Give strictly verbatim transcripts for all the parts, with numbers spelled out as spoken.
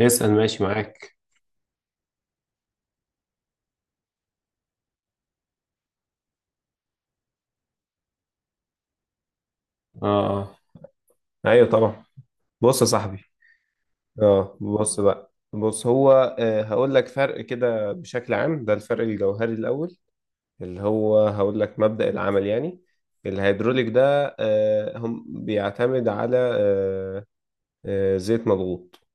اسأل. ماشي معاك. اه. اه ايوه طبعا. بص يا صاحبي. اه بص بقى بص هو آه، هقول لك فرق كده بشكل عام. ده الفرق الجوهري الاول، اللي هو هقول لك مبدأ العمل يعني. الهيدروليك ده آه، هم بيعتمد على آه، آه، زيت مضغوط،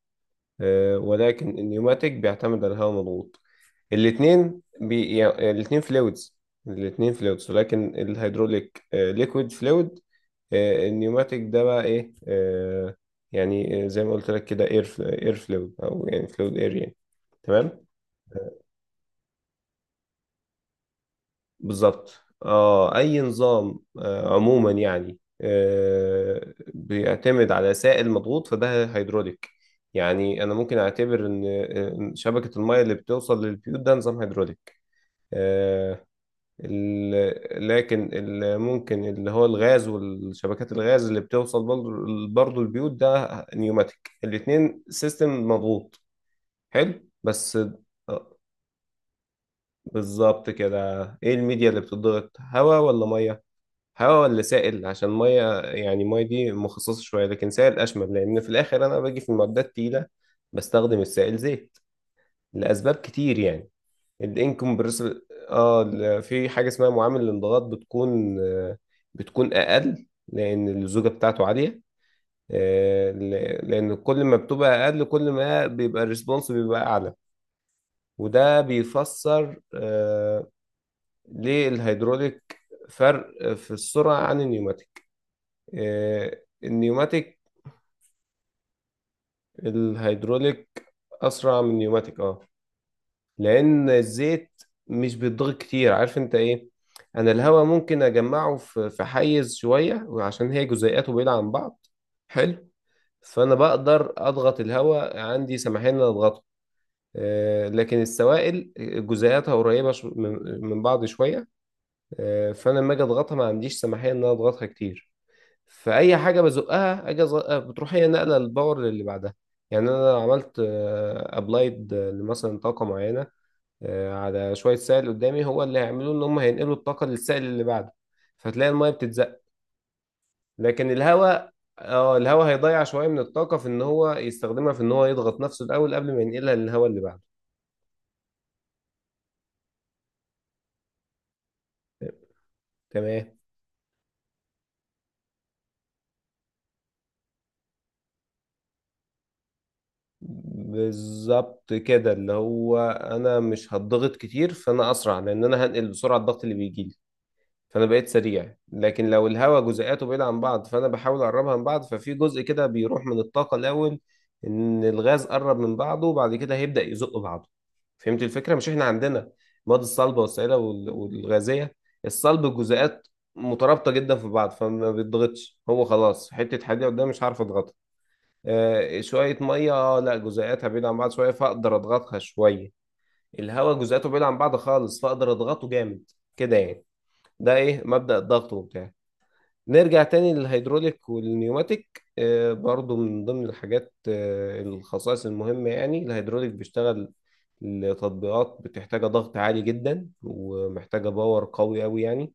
آه، ولكن النيوماتيك بيعتمد على الهواء مضغوط. الاثنين بي... يعني الاثنين فلويدز، الاثنين فلويدز، ولكن الهيدروليك ليكويد فلويد. النيوماتيك ده بقى ايه؟ آه، يعني آه، زي ما قلت لك كده اير اير فلويد او يعني فلويد اير يعني. تمام. بالظبط. اه اي نظام آه عموما يعني آه بيعتمد على سائل مضغوط فده هيدروليك. يعني انا ممكن اعتبر ان آه، إن شبكه الميه اللي بتوصل للبيوت ده نظام هيدروليك. آه. ال- لكن اللي ممكن اللي هو الغاز والشبكات الغاز اللي بتوصل برضه، برضه البيوت ده نيوماتيك. الاتنين سيستم مضغوط. حلو بس. آه، بالظبط كده. ايه الميديا اللي بتضغط؟ هواء ولا ميه؟ هواء ولا سائل؟ عشان ميه يعني، ميه دي مخصصة شوية، لكن سائل أشمل لأن في الآخر أنا باجي في المعدات تقيلة بستخدم السائل زيت لأسباب كتير يعني. الانكمبرسبل اه ال- في حاجه اسمها معامل الانضغاط بتكون آه، بتكون اقل لان اللزوجه بتاعته عاليه. آه، ل- لان كل ما بتبقى اقل كل ما بيبقى الريسبونس بيبقى اعلى. وده بيفسر آه، ليه الهيدروليك فرق في السرعه عن النيوماتيك. آه، النيوماتيك الهيدروليك اسرع من النيوماتيك اه. لان الزيت مش بيتضغط كتير. عارف انت ايه؟ انا الهواء ممكن اجمعه في في حيز شويه، وعشان هي جزيئاته بعيده عن بعض. حلو. فانا بقدر اضغط الهواء، عندي سماحين ان أنا اضغطه. آه، لكن السوائل جزيئاتها قريبه شو- من من بعض شويه. آه، فانا لما اجي اضغطها ما عنديش سماحيه ان انا اضغطها كتير. فاي حاجه بزقها اجي أزقها بتروح هي نقله الباور اللي بعدها. يعني انا لو عملت ابلايد لمثلا طاقه معينه آه، على شوية سائل قدامي، هو اللي هيعملوه ان هم هينقلوا الطاقة للسائل اللي بعده. فتلاقي المية بتتزق. لكن الهواء، اه الهواء هيضيع شوية من الطاقة في ان هو يستخدمها في ان هو يضغط نفسه الاول قبل ما ينقلها للهواء اللي بعده. تمام. بالظبط كده. اللي هو انا مش هتضغط كتير فانا اسرع، لان انا هنقل بسرعة الضغط اللي بيجيلي. فانا بقيت سريع. لكن لو الهواء جزيئاته بعيدة عن بعض، فانا بحاول اقربها من بعض، ففي جزء كده بيروح من الطاقة الاول، ان الغاز قرب من بعضه وبعد كده هيبدأ يزق بعضه. فهمت الفكرة؟ مش احنا عندنا المواد الصلبة والسائلة وال- والغازية؟ الصلب الجزيئات مترابطة جدا في بعض، فما بيتضغطش. هو خلاص حتة حديدة قدام مش هعرف اضغطها. آه، شوية مية آه، لا، جزيئاتها بعيدة عن بعض شوية فاقدر اضغطها شوية. الهواء جزيئاته بعيدة عن بعض خالص فاقدر اضغطه جامد. كده يعني. ده ايه مبدأ الضغط وبتاع. نرجع تاني للهيدروليك والنيوماتيك. آه، برضو من ضمن الحاجات آه، الخصائص المهمة، يعني الهيدروليك بيشتغل لتطبيقات بتحتاج ضغط عالي جدا ومحتاجة باور قوي قوي يعني.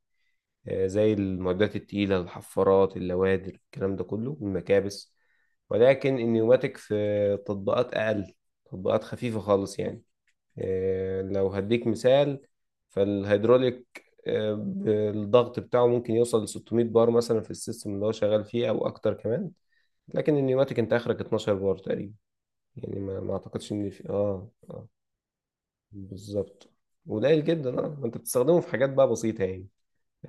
آه، زي المعدات التقيلة، الحفارات، اللوادر، الكلام ده كله، المكابس. ولكن النيوماتيك في تطبيقات أقل، تطبيقات خفيفة خالص يعني. آه، لو هديك مثال، فالهيدروليك آه، الضغط بتاعه ممكن يوصل ل 600 بار مثلا في السيستم اللي هو شغال فيه او اكتر كمان. لكن النيوماتيك انت اخرك 12 بار تقريبا. يعني ما, ما اعتقدش ان في اه. بالظبط. قليل جدا اه. ما انت بتستخدمه في حاجات بقى بسيطة يعني.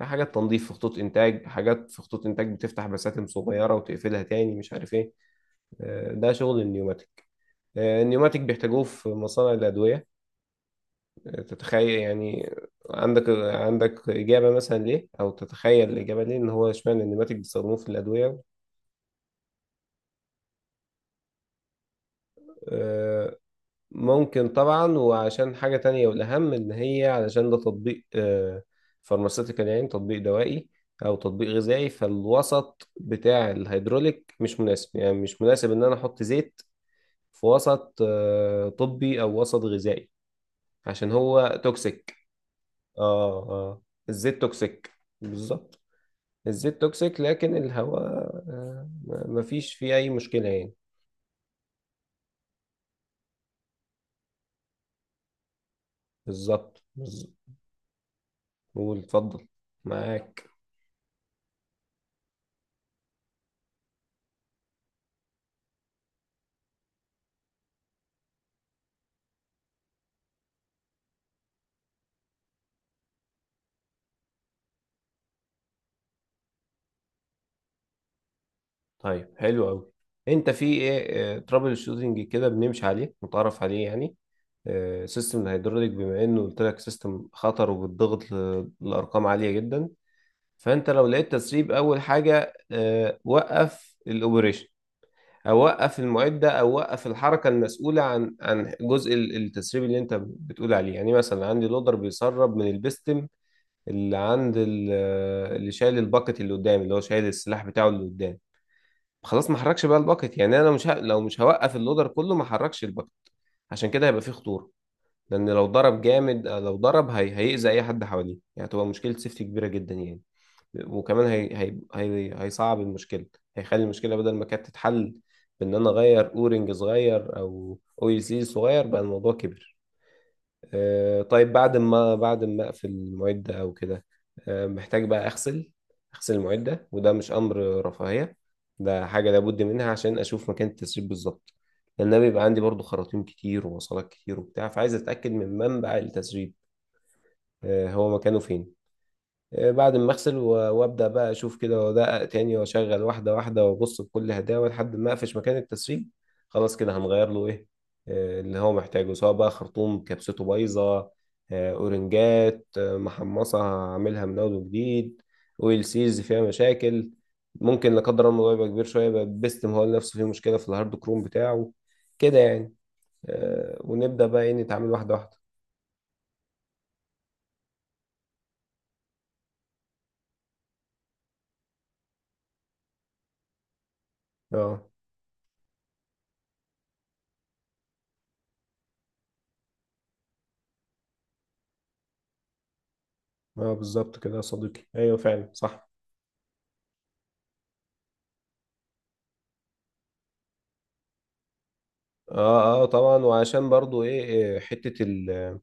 حاجات تنظيف في خطوط انتاج، حاجات في خطوط انتاج بتفتح بساتم صغيرة وتقفلها تاني مش عارف ايه. آه، ده شغل النيوماتيك. آه، النيوماتيك بيحتاجوه في مصانع الادوية. تتخيل يعني؟ عندك عندك إجابة مثلا ليه؟ أو تتخيل الإجابة ليه إن هو اشمعنى النباتك بيستخدموه في الأدوية؟ آه، ممكن طبعا، وعشان حاجة تانية والأهم، إن هي علشان ده تطبيق فارماسيتيكال يعني تطبيق دوائي أو تطبيق غذائي. فالوسط بتاع الهيدروليك مش مناسب، يعني مش مناسب إن أنا أحط زيت في وسط آه، طبي أو وسط غذائي عشان هو توكسيك. اه اه. الزيت توكسيك. بالظبط. الزيت توكسيك. لكن الهواء آه، ما- مفيش فيه أي مشكلة يعني. بالظبط بالظبط. قول اتفضل. معاك. طيب حلو أوي. أنت في إيه ترابل شوتنج كده بنمشي عليه متعرف عليه يعني. آه، سيستم الهيدروليك بما إنه قلت لك سيستم خطر وبتضغط ل- لأرقام عالية جدا، فأنت لو لقيت تسريب أول حاجة آه، وقف الأوبريشن. اوقف المعده، ده اوقف الحركه المسؤوله عن عن جزء ال- التسريب اللي انت بتقول عليه. يعني مثلا عندي لودر بيسرب من البستم اللي عند ال- اللي شايل الباكت اللي قدامي، اللي هو شايل السلاح بتاعه اللي قدام. خلاص ما حركش بقى الباكت، يعني انا مش ه... لو مش هوقف اللودر كله، ما حركش الباكت. عشان كده هيبقى فيه خطوره، لان لو ضرب جامد، لو ضرب هي... هيأذي اي حد حواليه، يعني هتبقى مشكله سيفتي كبيره جدا يعني. وكمان هي هي هي هيصعب المشكله، هيخلي المشكله بدل ما كانت تتحل بان انا اغير اورنج صغير او او يو سي صغير بقى الموضوع كبر. آه، طيب بعد ما بعد ما اقفل المعده او كده، آه، محتاج بقى اغسل اغسل المعده، وده مش امر رفاهيه، ده حاجه لابد منها عشان اشوف مكان التسريب بالظبط. لان أنا بيبقى عندي برضو خراطيم كتير ووصلات كتير وبتاع، فعايز اتاكد من منبع التسريب آه، هو مكانه فين. بعد ما اغسل و- وابدا بقى اشوف كده وادقق تاني واشغل واحده واحده وابص بكل هداوه لحد ما اقفش مكان التسريب. خلاص كده هنغير له ايه آه، اللي هو محتاجه، سواء بقى خرطوم كبسته بايظه، آه، اورنجات آه، محمصه هعملها من اول وجديد، اويل سيز فيها مشاكل. ممكن لا قدر الله الموضوع يبقى كبير شويه، يبقى بيستم هو نفسه فيه مشكله في الهارد كروم بتاعه، كده يعني. آه، ونبدا بقى ايه نتعامل واحده واحده. اه. اه بالظبط كده يا صديقي، ايوه فعلا صح. اه اه طبعا، وعشان برضو ايه، إيه، حتة ال-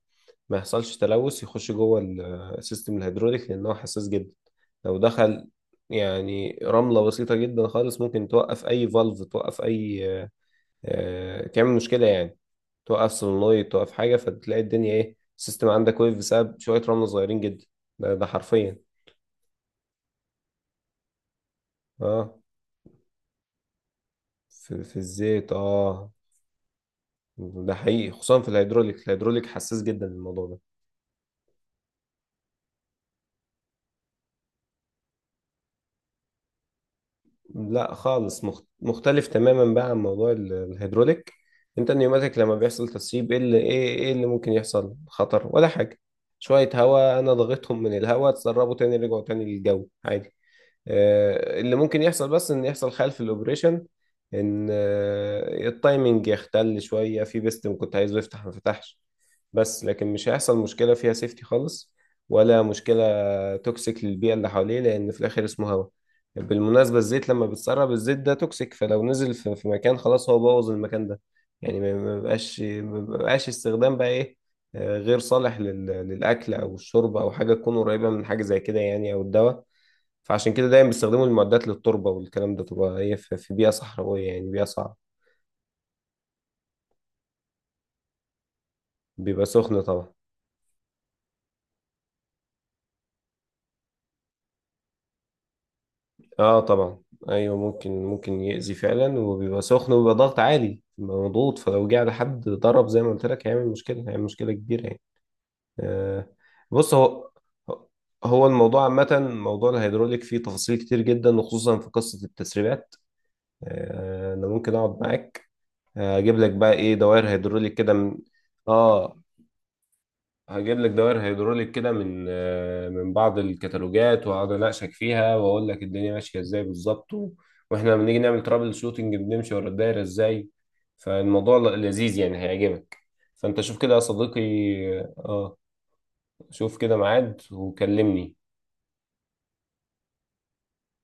ما يحصلش تلوث يخش جوه السيستم الهيدروليك، لان هو حساس جدا. لو دخل يعني رملة بسيطة جدا خالص ممكن توقف اي فالف، توقف اي آه، تعمل مشكلة يعني. توقف solenoid، توقف حاجة، فتلاقي الدنيا ايه؟ السيستم عندك وقف بسبب شوية رملة صغيرين جدا. ده, ده حرفيا. اه في، في الزيت اه. ده حقيقي، خصوصا في الهيدروليك. الهيدروليك حساس جدا للموضوع ده. لا خالص، مخت- مختلف تماما بقى عن موضوع ال- الهيدروليك. انت النيوماتيك لما بيحصل تسريب، ايه اللي ايه ايه اللي ممكن يحصل؟ خطر ولا حاجه؟ شويه هواء انا ضغطهم من الهواء، اتسربوا تاني رجعوا تاني للجو عادي. آه، اللي ممكن يحصل بس ان يحصل خلل في الاوبريشن، ان آه، التايمنج يختل شويه في بيستم كنت عايزه يفتح ما فتحش. بس لكن مش هيحصل مشكله فيها سيفتي خالص، ولا مشكله توكسيك للبيئة اللي حواليه، لأن في الآخر اسمه هواء. بالمناسبة الزيت لما بتسرب الزيت، ده توكسيك، فلو نزل في في مكان خلاص هو بوظ المكان ده، يعني ما ما بقاش، ما بقاش استخدام بقى إيه، آه، غير صالح لل- للأكل أو الشرب أو حاجة تكون قريبة من حاجة زي كده يعني، أو الدواء. فعشان كده دايما بيستخدموا المعدات للتربة والكلام ده، تبقى هي في في بيئة صحراوية يعني بيئة صعبة. بيبقى سخن طبعا. اه طبعا، ايوه ممكن ممكن يأذي فعلا، وبيبقى سخن وبيبقى ضغط عالي، بيبقى مضغوط، فلو جه على حد ضرب زي ما قلت لك هيعمل مشكله، هيعمل مشكله كبيره يعني. آه. بص هو، هو الموضوع عامه موضوع الهيدروليك فيه تفاصيل كتير جدا، وخصوصا في قصه التسريبات. آه انا ممكن اقعد معاك آه، اجيب لك بقى ايه دوائر هيدروليك كده من. اه هجيب لك دوائر هيدروليك كده من آه، من بعض الكتالوجات، واقعد اناقشك فيها واقول لك الدنيا ماشيه ازاي بالظبط، و- واحنا لما بنيجي نعمل ترابل شوتنج بنمشي ورا الدايره ازاي. فالموضوع ل- لذيذ يعني هيعجبك. فانت شوف كده يا صديقي. اه شوف كده ميعاد وكلمني.